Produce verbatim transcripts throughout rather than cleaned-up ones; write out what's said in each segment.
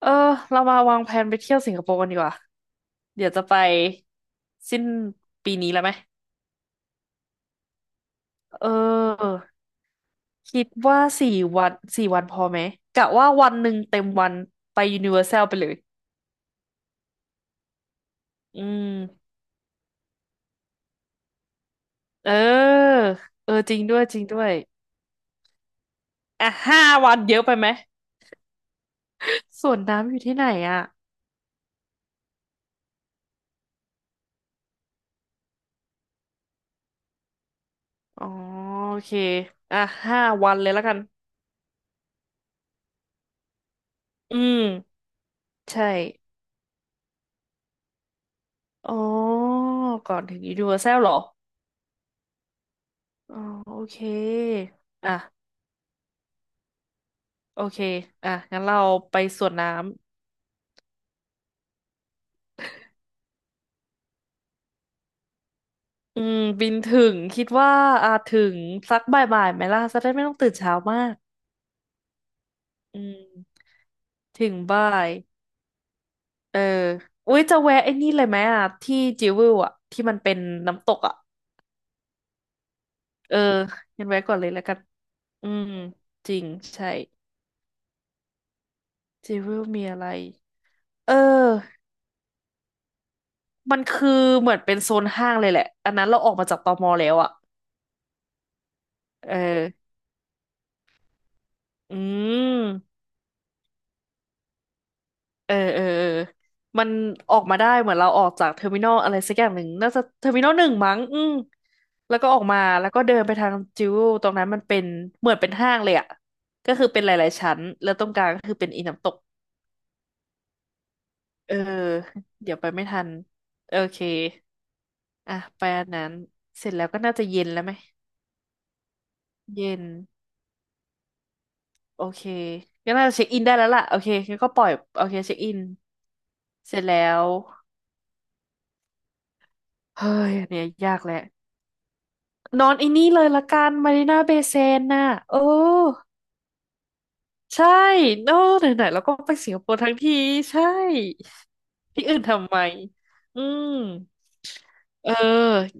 เออเรามาวางแผนไปเที่ยวสิงคโปร์กันดีกว่าเดี๋ยวจะไปสิ้นปีนี้แล้วไหมเออคิดว่าสี่วันสี่วันพอไหมกะว่าวันหนึ่งเต็มวันไปยูนิเวอร์แซลไปเลยอืมเออเออจริงด้วยจริงด้วยอ่ะห้าวันเยอะไปไหม ส่วนน้ำอยู่ที่ไหนอ่ะอ๋อโอเคอ่ะห้าวันเลยแล้วกันอืมใช่อ๋อก่อนถึงยูนิเวอร์แซลเหรออ๋อโอเคอ่ะ โอเค อ่ะ งั้นเราไปสวนน้ำ อืมบินถึงคิดว่าอ่ะถึงสักบ่ายๆไหมล่ะจะได้ไม่ต้องตื่นเช้ามาก อืมถึงบ่ายเอออุ้ยจะแวะไอ้นี่เลยไหมอ่ะที่จิวเวลอ่ะที่มันเป็นน้ำตกอ่ะเอองั้นแวะก่อนเลยแล้วกัน อืมจริงใช่จิวเวลมีอะไรเออมันคือเหมือนเป็นโซนห้างเลยแหละอันนั้นเราออกมาจากตมแล้วอ่ะเอออืม เออเออเออมันออกมาได้เหมือนเราออกจากเทอร์มินอลอะไรสักอย่างหนึ่งน่าจะเทอร์มินอลหนึ่งมั้งอืมแล้วก็ออกมาแล้วก็เดินไปทางจิวตรงนั้นมันเป็นเหมือนเป็นห้างเลยอะก็คือเป็นหลายๆชั้นแล้วตรงกลางก็คือเป็นอีน้ำตกเออเดี๋ยวไปไม่ทันโอเคอ่ะไปอันนั้นเสร็จแล้วก็น่าจะเย็นแล้วไหมเย็นโอเคก็น่าจะเช็คอินได้แล้วล่ะโอเคงั้นก็ปล่อยโอเคเช็คอินเสร็จแล้วเฮ้ยอันเนี่ยยากแหละ นอนไอ้นี่เลยละกันมารีนาเบย์เซนน่ะโอ้ใช่โอ้ไหนๆแล้วก็ไปสิงคโปร์ทั้งทีใช่ที่อื่นทำไมอืมเออ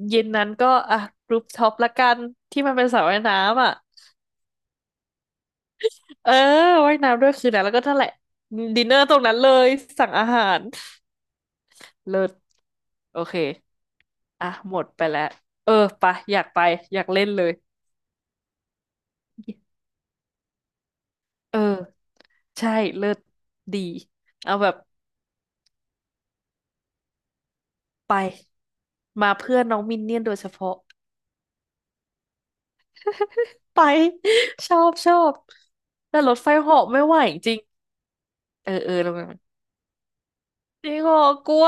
เย็นนั้นก็อ่ะรูฟท็อปละกันที่มันเป็นสระว่ายน้ำอ่ะเออว่ายน้ำด้วยคืนนั้นแล้วก็นั่นแหละดินเนอร์ตรงนั้นเลยสั่งอาหารเลิศโอเคอ่ะหมดไปแล้วเออไปะอยากไปอยากเล่นเลยเออใช่เลิศดีเอาแบบไป มาเพื่อนน้องมินเนี่ยนโดยเฉพาะไป ชอบชอบแต่รถไฟเหาะไม่ไหวจริงเออเออลงมาจริงเหรอกลัว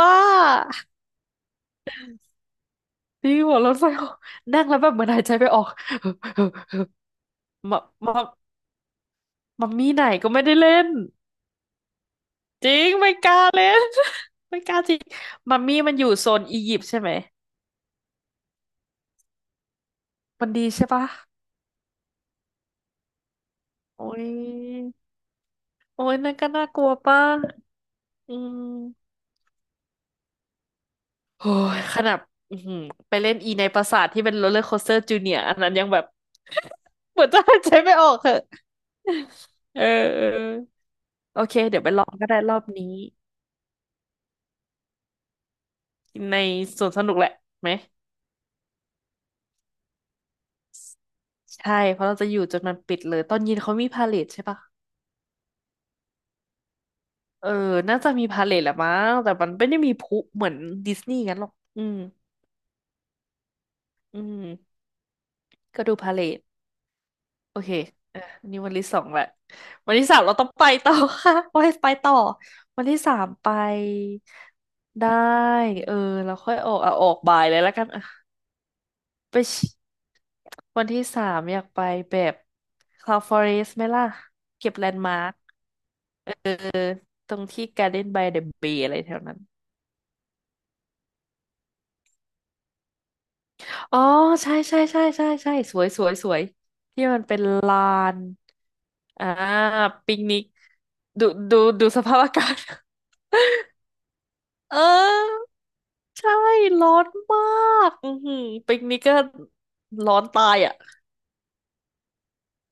จริงเหรอรถไฟเหาะนั่งแล้วแบบเหมือนหายใจไม่ออก มามามัมมี่ไหนก็ไม่ได้เล่นจริงไม่กล้าเล่น ไม่กล้าจริงมัมมี่มันอยู่โซนอียิปต์ใช่ไหมมันดีใช่ปะโอ้ยโอ้ยนั่นก็น่ากลัวป่ะอืม โอ้ย ขนาดอื้อหือไปเล่นอีในปราสาทที่เป็นโรลเลอร์โคสเตอร์จูเนียอันนั้นยังแบบเหมือนจะหายใจไม่ออกเหอะ เออเออโอเค เดี๋ยวไปลองก็ได้รอบนี้ในสวนสนุกแหละไหม ใช่ เพราะเราจะอยู่จนมันปิดเลย ตอนเย็นเขามีพาเลทใช่ปะเออน่าจะมีพาเลทแหละมั้งแต่มันไม่ได้มีพลุเหมือนดิสนีย์งั้นหรอก อืมอืมก็ดูพาเลท โอเคอ่ะนี่วันที่สองแหละวันที่สามเราต้องไปต่อค่ะ ไปไปต่อ วันที่สามไปได้เออ เราค่อยออกอ่ะออกบ่ายเลยแล้วกันอ่ะไปชิวันที่สามอยากไปแบบ Cloud Forest ไหมล่ะ เก็บแลนด์มาร์คตรงที่ Garden by the Bay อะไรแถวนั้น อ๋อ ใช่ใช่ใช่ใช่ใช่สวยสวยสวยที่มันเป็นลานอ่าปิกนิกดูดูดูสภาพอากาศ เออ ใช่ร้อนมากอือหือปิกนิกก็ร้อนตายอ่ะ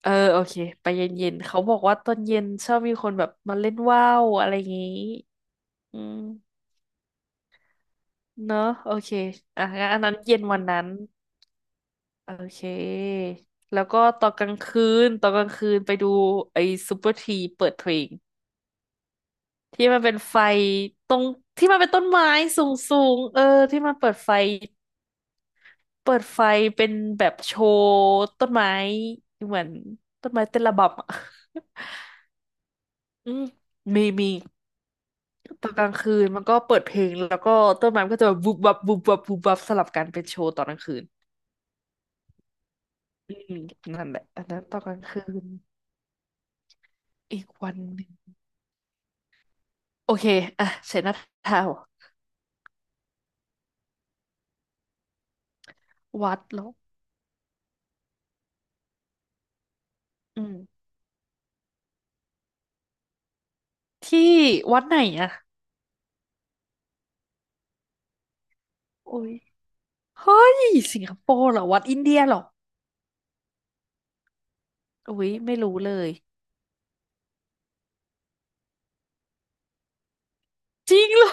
เออโอเคไปเย็นๆเขาบอกว่าตอนเย็นชอบมีคนแบบมาเล่นว่าวอะไรอย่างงี้อืมเนอะโอเคอ่ะงั้นอันนั้นเย็นวันนั้นโอเคแล้วก็ตอนกลางคืนตอนกลางคืนไปดูไอ้ซูเปอร์ทรีเปิดเพลงที่มันเป็นไฟตรงที่มันเป็นต้นไม้สูงๆเออที่มันเปิดไฟ เปิดไฟเป็นแบบโชว์ต้นไม้เหมือนต้นไม้เต้นระบำอ่ะอืมมีมีตอนกลางคืนมันก็เปิดเพลงแล้วก็ต้นไม้มันก็จะแบบบุบบับบุบบับบุบบับสลับกันเป็นโชว์ตอนกลางคืนอืมนั่นแหละอันนั้นตอนกลางคืนอีกวันหนึ่งโอเคอ่ะเสร็จแล้วทาววัดแล้วอืมที่วัดไหนอ่ะโอ้ยเฮ้ยสิงคโปร์เหรอวัดอินเดียเหรอโอ้ยไม่รู้เลยจริงเหรอ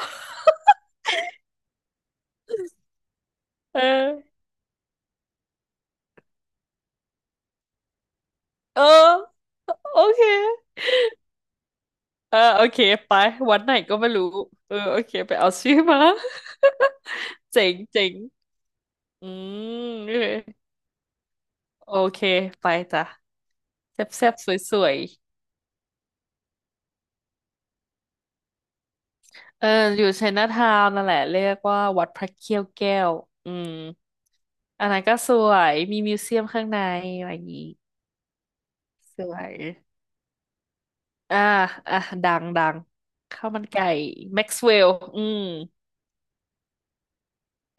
เออเออโอเค เออโอเคไปวัดไหนก็ไม่รู้เออโอเคไปเอาชื่อมา เจ๋งเจ๋งอืมโอเคโอเคไปจ้ะแซ่บแซบสวยสวยๆเอออยู่ไชน่าทาวน์นั่นแหละเรียกว่าวัดพระเขี้ยวแก้วอืมอันนั้นก็สวยมีมิวเซียมข้างในอะไรอย่างงี้สวยอ่าอ่ะดังดังข้าวมันไก่แม็กซ์เวลอืม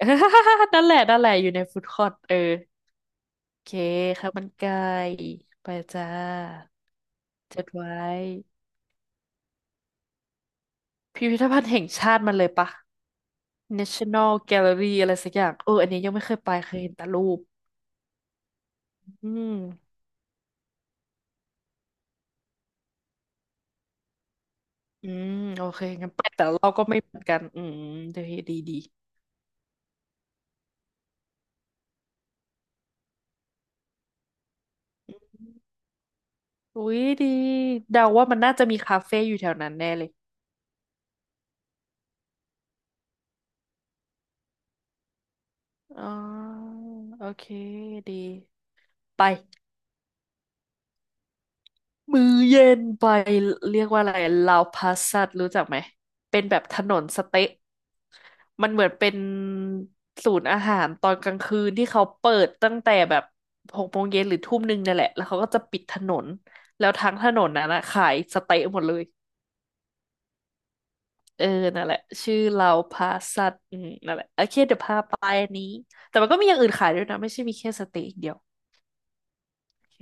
นั่นแหละนั่นแหละอยู่ในฟู้ดคอร์ทเออ เคข้าวมันไก่ไปจ้าจดไว้พิพิธภัณฑ์แห่งชาติมันเลยปะ เนชั่นแนล แกลเลอรี่ อะไรสักอย่างเอออันนี้ยังไม่เคยไปเคยเห็นแต่รูปอืมอืมโอเคงั้นไปแต่เราก็ไม่เหมือนกันอืมเดี๋ยวดีดีอุ๊ยดีเดาว่ามันน่าจะมีคาเฟ่อยู่แถวนั้นแน่เลยอ๋อโอเคดีไปมื้อเย็นไปเรียกว่าอะไรลาวพาสัตรู้จักไหมเป็นแบบถนนสเต๊ะ มันเหมือนเป็นศูนย์อาหารตอนกลางคืนที่เขาเปิดตั้งแต่แบบหกโมงเย็นหรือทุ่มหนึ่งนั่นแหละแล้วเขาก็จะปิดถนนแล้วทั้งถนนนั้นนะขายสเต๊ะหมดเลยเออนั่นแหละชื่อเราพาสัตว์อืมนั่นแหละโอเคเดี๋ยวพาไปอันนี้แต่มันก็มีอย่างอื่นขายด้วยนะไม่ใช่มีแค่สเต๊ะอย่างเดียวโอเค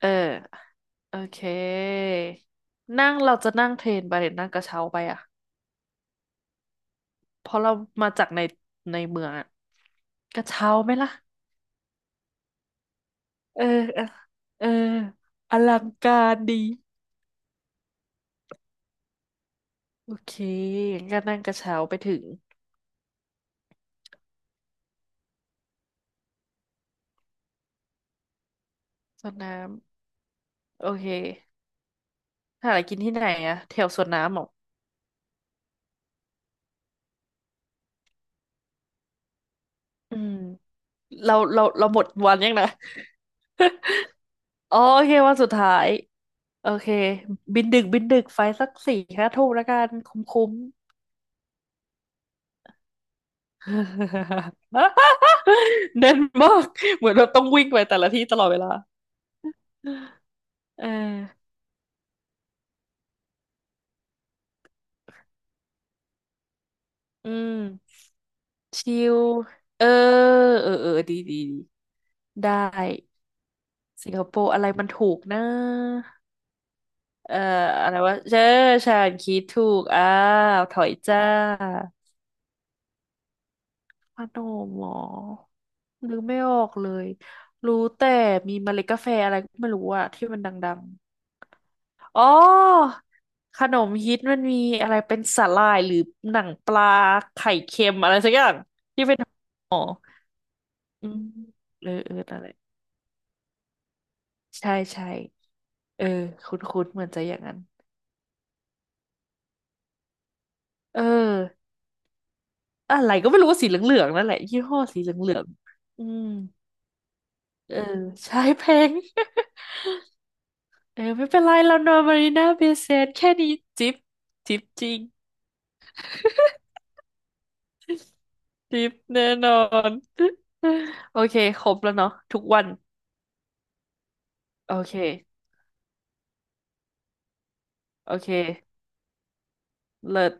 เออโอเคนั่งเราจะนั่งเทรนไปหรือนั่งกระเช้าไปอ่ะเพราะเรามาจากในในเมืองอ่ะกระเช้าไหมล่ะ เออเออเอออลังการดีโอเคงั้นก็นั่งกระเช้าไปถึงสวนน้ำโอเคถาอะไรกินที่ไหนอะแถวสวนน้ำเหรออืมเราเราเราหมดวันยังนะอ๋อโอเควันสุดท้ายโอเคบินดึกบินดึกไฟสักสี่ห้าทุ่มแล้วกันคุ้มคุ้ม แน่ นมากเหมือนเราต้องวิ่งไปแต่ละที่ตลอดเวลาเอออืมชิลเออเออเออดีดีดี ได้สิงคโปร์อะไรมันถูกนะเอ่ออะไรวะเจอฉันคิดถูกอ้าวถอยจ้าพนมหมอนึกไม่ออกเลยรู้แต่มีเมล็ดกาแฟอะไรก็ไม่รู้อะที่มันดังๆอ๋อขนมฮิตมันมีอะไรเป็นสาหร่ายหรือหนังปลาไข่เค็มอะไรสักอย่างที่เป็นหมออืมเออเอออะไรใช่ใช่เออคุ้นๆเหมือนจะอย่างนั้นเออ อะไรก็ไม่รู้ว่าสีเหลืองๆนั่นแหละยี่ห้อสีเหลืองๆอืมเออใช้แพงเออไม่เป็นไรเรานอนมารีนาเบย์เซนแค่นี้จิบจิบจริงจิบแน่นอนโอเคครบแล้วเนาะทุกวันโอเคโอเคเลิศ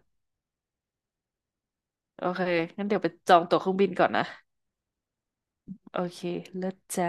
โอเคงั้นเดี๋ยวไปจองตั๋วเครื่องบินก่อนนะโอเคเลิศจ้า